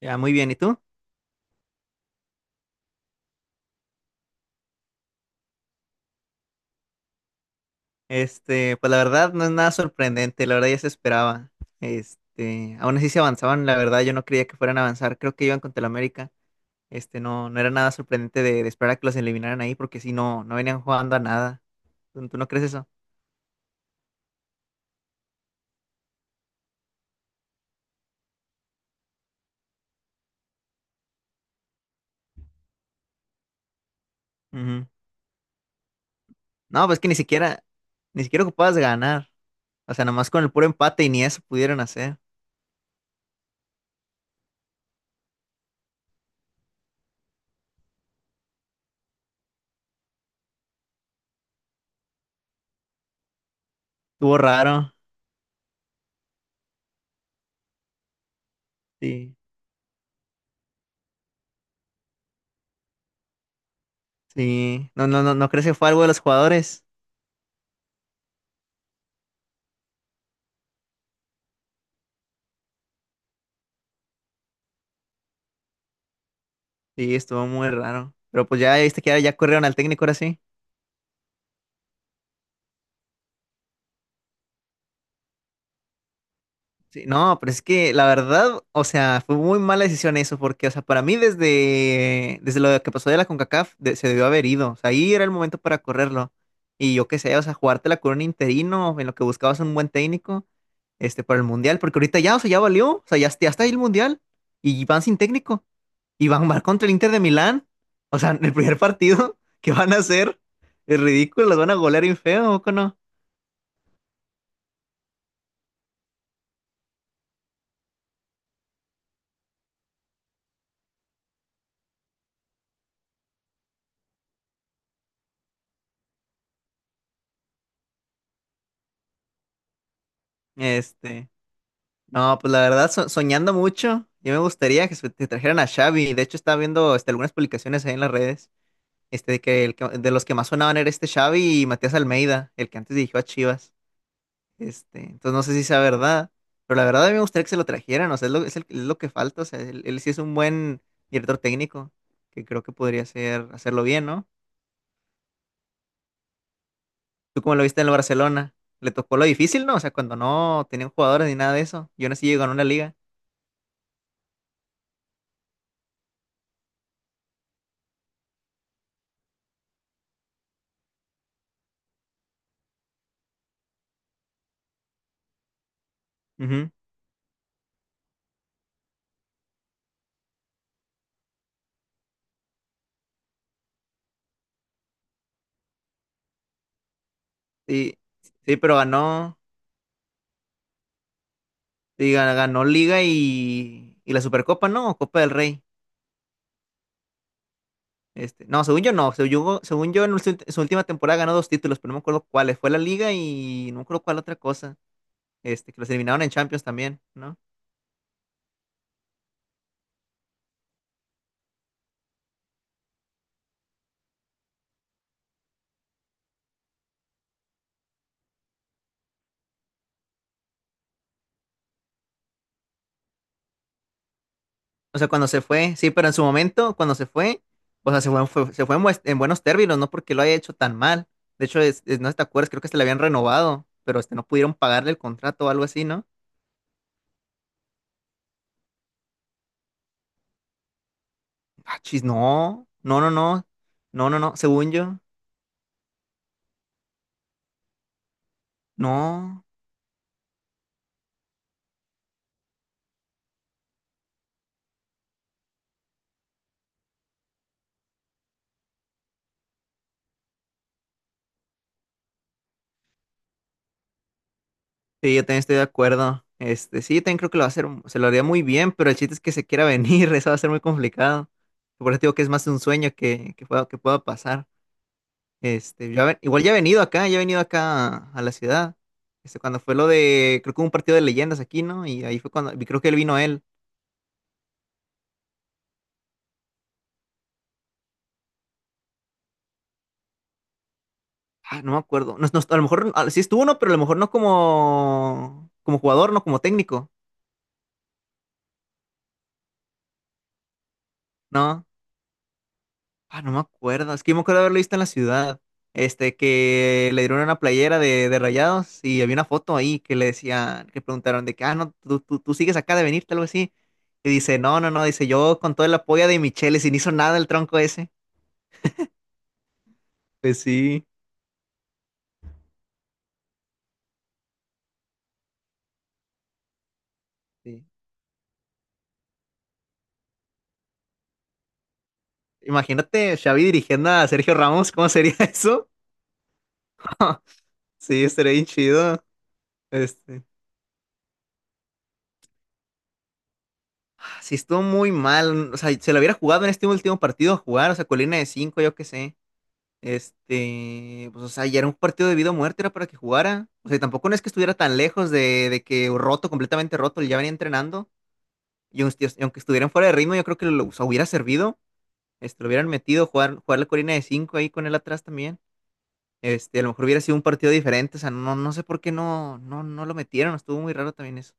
Ya, muy bien, ¿y tú? Pues la verdad no es nada sorprendente, la verdad ya se esperaba. Aún así se avanzaban, la verdad yo no creía que fueran a avanzar, creo que iban contra el América. No, no era nada sorprendente de esperar a que los eliminaran ahí, porque si no, no venían jugando a nada. ¿Tú no crees eso? Ujú. No, pues que ni siquiera ocupabas de ganar. O sea, nomás con el puro empate y ni eso pudieron hacer. Estuvo raro. Sí, sí. No, no, no, ¿no crees que fue algo de los jugadores? Sí, estuvo muy raro. Pero pues ya viste que ya corrieron al técnico ahora sí. Sí, no, pero es que la verdad, o sea, fue muy mala decisión eso, porque, o sea, para mí desde, desde lo que pasó de la CONCACAF se debió haber ido, o sea, ahí era el momento para correrlo. Y yo qué sé, o sea, jugártela con un interino en lo que buscabas un buen técnico, para el Mundial, porque ahorita ya, o sea, ya valió, o sea, ya está ahí el Mundial y van sin técnico y van a jugar contra el Inter de Milán, o sea, el primer partido que van a hacer es ridículo, los van a golear bien feo, ¿o no? Este... No, pues la verdad, soñando mucho, yo me gustaría que te trajeran a Xavi. De hecho, estaba viendo algunas publicaciones ahí en las redes, de que, de los que más sonaban era este Xavi y Matías Almeida, el que antes dirigió a Chivas. Entonces no sé si sea verdad, pero la verdad a mí me gustaría que se lo trajeran, o sea, es lo que falta, o sea, él sí es un buen director técnico, que creo que podría hacerlo bien, ¿no? Tú como lo viste en el Barcelona, le tocó lo difícil, ¿no? O sea, cuando no tenían jugadores ni nada de eso, y aún así llegó a una liga. Ujú. Sí, sí, pero ganó. Y ganó Liga y la Supercopa, ¿no? O Copa del Rey. No, según yo no. Según yo, en su última temporada ganó dos títulos, pero no me acuerdo cuáles. Fue la Liga y no me acuerdo cuál otra cosa. Que los eliminaron en Champions también, ¿no? O sea, cuando se fue, sí, pero en su momento, cuando se fue, o sea, se fue, se fue en buenos términos, no porque lo haya hecho tan mal. De hecho, no sé si te acuerdas, creo que se le habían renovado, pero no pudieron pagarle el contrato o algo así, ¿no? Ah, chis, no, no, no, no, no, no, no, según yo, no. Sí, yo también estoy de acuerdo. Sí, yo también creo que lo va a hacer, se lo haría muy bien, pero el chiste es que se quiera venir, eso va a ser muy complicado. Por eso digo que es más un sueño que pueda pasar. Igual ya he venido acá a la ciudad. Cuando fue lo de, creo que hubo un partido de leyendas aquí, ¿no? Y ahí fue cuando, y creo que él vino él. Ah, no me acuerdo. No, no, a lo mejor sí estuvo, ¿no? Pero a lo mejor no como, como jugador, no como técnico, ¿no? Ah, no me acuerdo. Es que yo me acuerdo haberlo visto en la ciudad. Que le dieron una playera de Rayados y había una foto ahí que le decían, que preguntaron de que, no, tú sigues acá de venirte, algo así. Y dice, no, no, no, dice, yo con todo el apoyo de Michele, sin hizo nada el tronco ese. Pues sí. Sí. Imagínate Xavi dirigiendo a Sergio Ramos, ¿cómo sería eso? Sí, estaría bien chido. Este. Ah, sí, estuvo muy mal. O sea, se lo hubiera jugado en este último partido a jugar, o sea, colina de cinco, yo qué sé. Pues, o sea, ya era un partido de vida o muerte, era para que jugara. O sea, y tampoco no es que estuviera tan lejos de que roto, completamente roto, él ya venía entrenando. Y aunque estuvieran fuera de ritmo, yo creo que lo, o sea, hubiera servido. Lo hubieran metido, jugar la corina de 5 ahí con él atrás también. A lo mejor hubiera sido un partido diferente. O sea, no, no sé por qué no, no, no lo metieron. Estuvo muy raro también eso.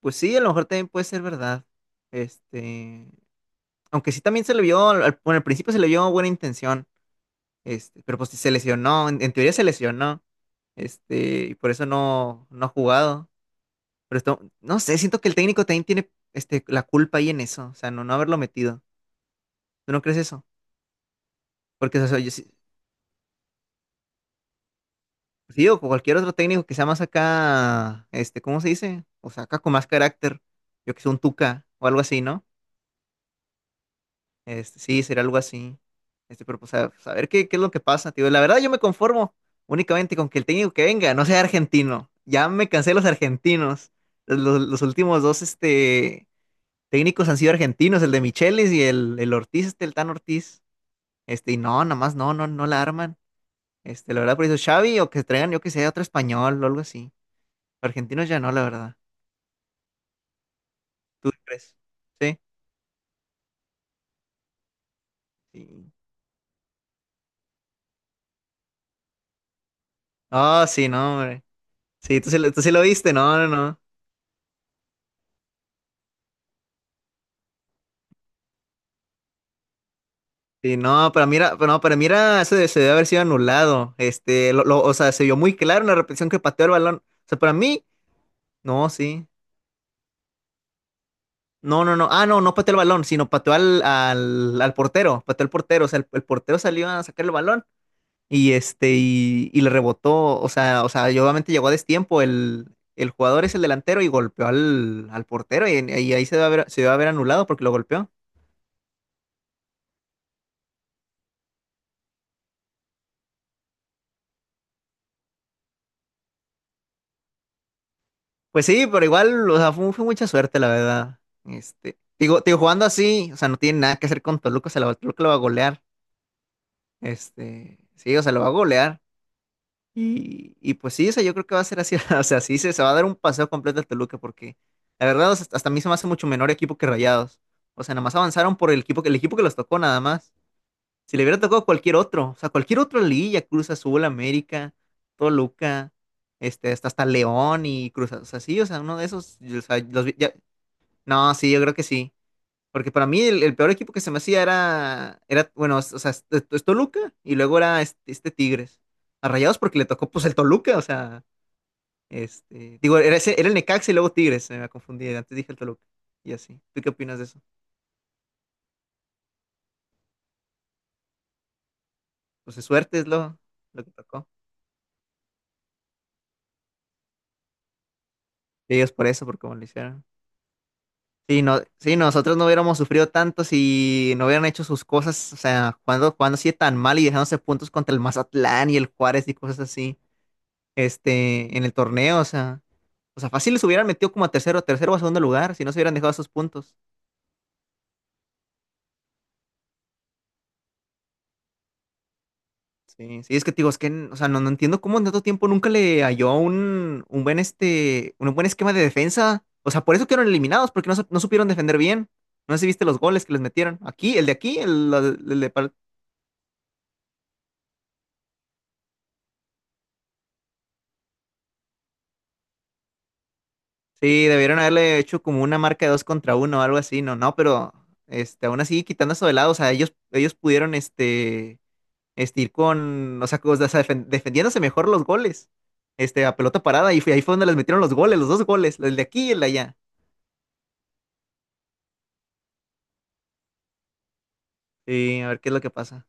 Pues sí, a lo mejor también puede ser verdad. Este, aunque sí también se le vio, bueno, al principio se le vio buena intención. Pero pues se lesionó, en teoría se lesionó. Y por eso no, no ha jugado. Pero no sé, siento que el técnico también tiene la culpa ahí en eso. O sea, no, no haberlo metido. ¿Tú no crees eso? Porque, o sea, yo sí, sí, o cualquier otro técnico que sea más acá, ¿cómo se dice? O sea, acá con más carácter. Yo que sé, un Tuca o algo así, ¿no? Sí, sería algo así. Pero pues a, saber qué es lo que pasa, tío. La verdad, yo me conformo únicamente con que el técnico que venga no sea argentino. Ya me cansé de los argentinos. Los últimos dos, este. Técnicos han sido argentinos, el de Michelis y el Ortiz, el Tan Ortiz. Y no, nada más no, no, no la arman. La verdad, por eso Xavi o que traigan, yo que sé, otro español o algo así. Argentinos ya no, la verdad. ¿Tú qué crees? Sí. Sí. Ah, sí, no, hombre. Sí, tú sí lo viste, no, no, no. Sí, no, para mí era, pero no, para mí era, se debe haber sido anulado. O sea, se vio muy claro en la repetición que pateó el balón. O sea, para mí, no, sí. No, no, no. Ah, no, no pateó el balón, sino pateó al portero. Pateó al portero. O sea, el portero salió a sacar el balón y le rebotó. O sea, y obviamente llegó a destiempo. El jugador es el delantero y golpeó al portero. Y ahí se va a ver, anulado porque lo golpeó. Pues sí, pero igual, o sea, fue mucha suerte, la verdad. Digo, jugando así, o sea, no tiene nada que hacer con Toluca, Toluca lo va a golear. Sí, o sea, lo va a golear. Y pues sí, o sea, yo creo que va a ser así. O sea, sí, se va a dar un paseo completo al Toluca porque la verdad, o sea, hasta a mí se me hace mucho menor equipo que Rayados. O sea, nada más avanzaron por el equipo que los tocó, nada más. Si le hubiera tocado cualquier otro, o sea, cualquier otro Lilla, Cruz Azul, América, Toluca, hasta León y Cruz Azul. O sea, sí, o sea, uno de esos. Y, o sea, no, sí, yo creo que sí. Porque para mí el peor equipo que se me hacía era bueno, o sea, es Toluca y luego era este Tigres. A Rayados porque le tocó pues el Toluca, o sea, digo, era el Necaxa y luego Tigres, se me confundí, antes dije el Toluca y así. ¿Tú qué opinas de eso? Pues de suerte es lo que tocó. Y ellos por eso, por cómo lo hicieron. Sí, no, sí, nosotros no hubiéramos sufrido tanto si no hubieran hecho sus cosas, o sea, cuando, cuando sí tan mal y dejándose puntos contra el Mazatlán y el Juárez y cosas así, en el torneo, o sea. O sea, fácil les hubieran metido como a tercero o a segundo lugar, si no se hubieran dejado esos puntos. Sí, sí, es que te digo, o sea, no, no entiendo cómo en tanto tiempo nunca le halló un buen esquema de defensa. O sea, por eso quedaron eliminados, porque no, no supieron defender bien. No sé si viste los goles que les metieron. Aquí, el de aquí, el de Pal- Sí, debieron haberle hecho como una marca de dos contra uno o algo así, no, no, pero aún así, quitando eso de lado, o sea, ellos pudieron, ir con, o sea, defendiéndose mejor los goles, a pelota parada, y ahí fue donde les metieron los goles, los dos goles, el de aquí y el de allá. Sí, a ver qué es lo que pasa.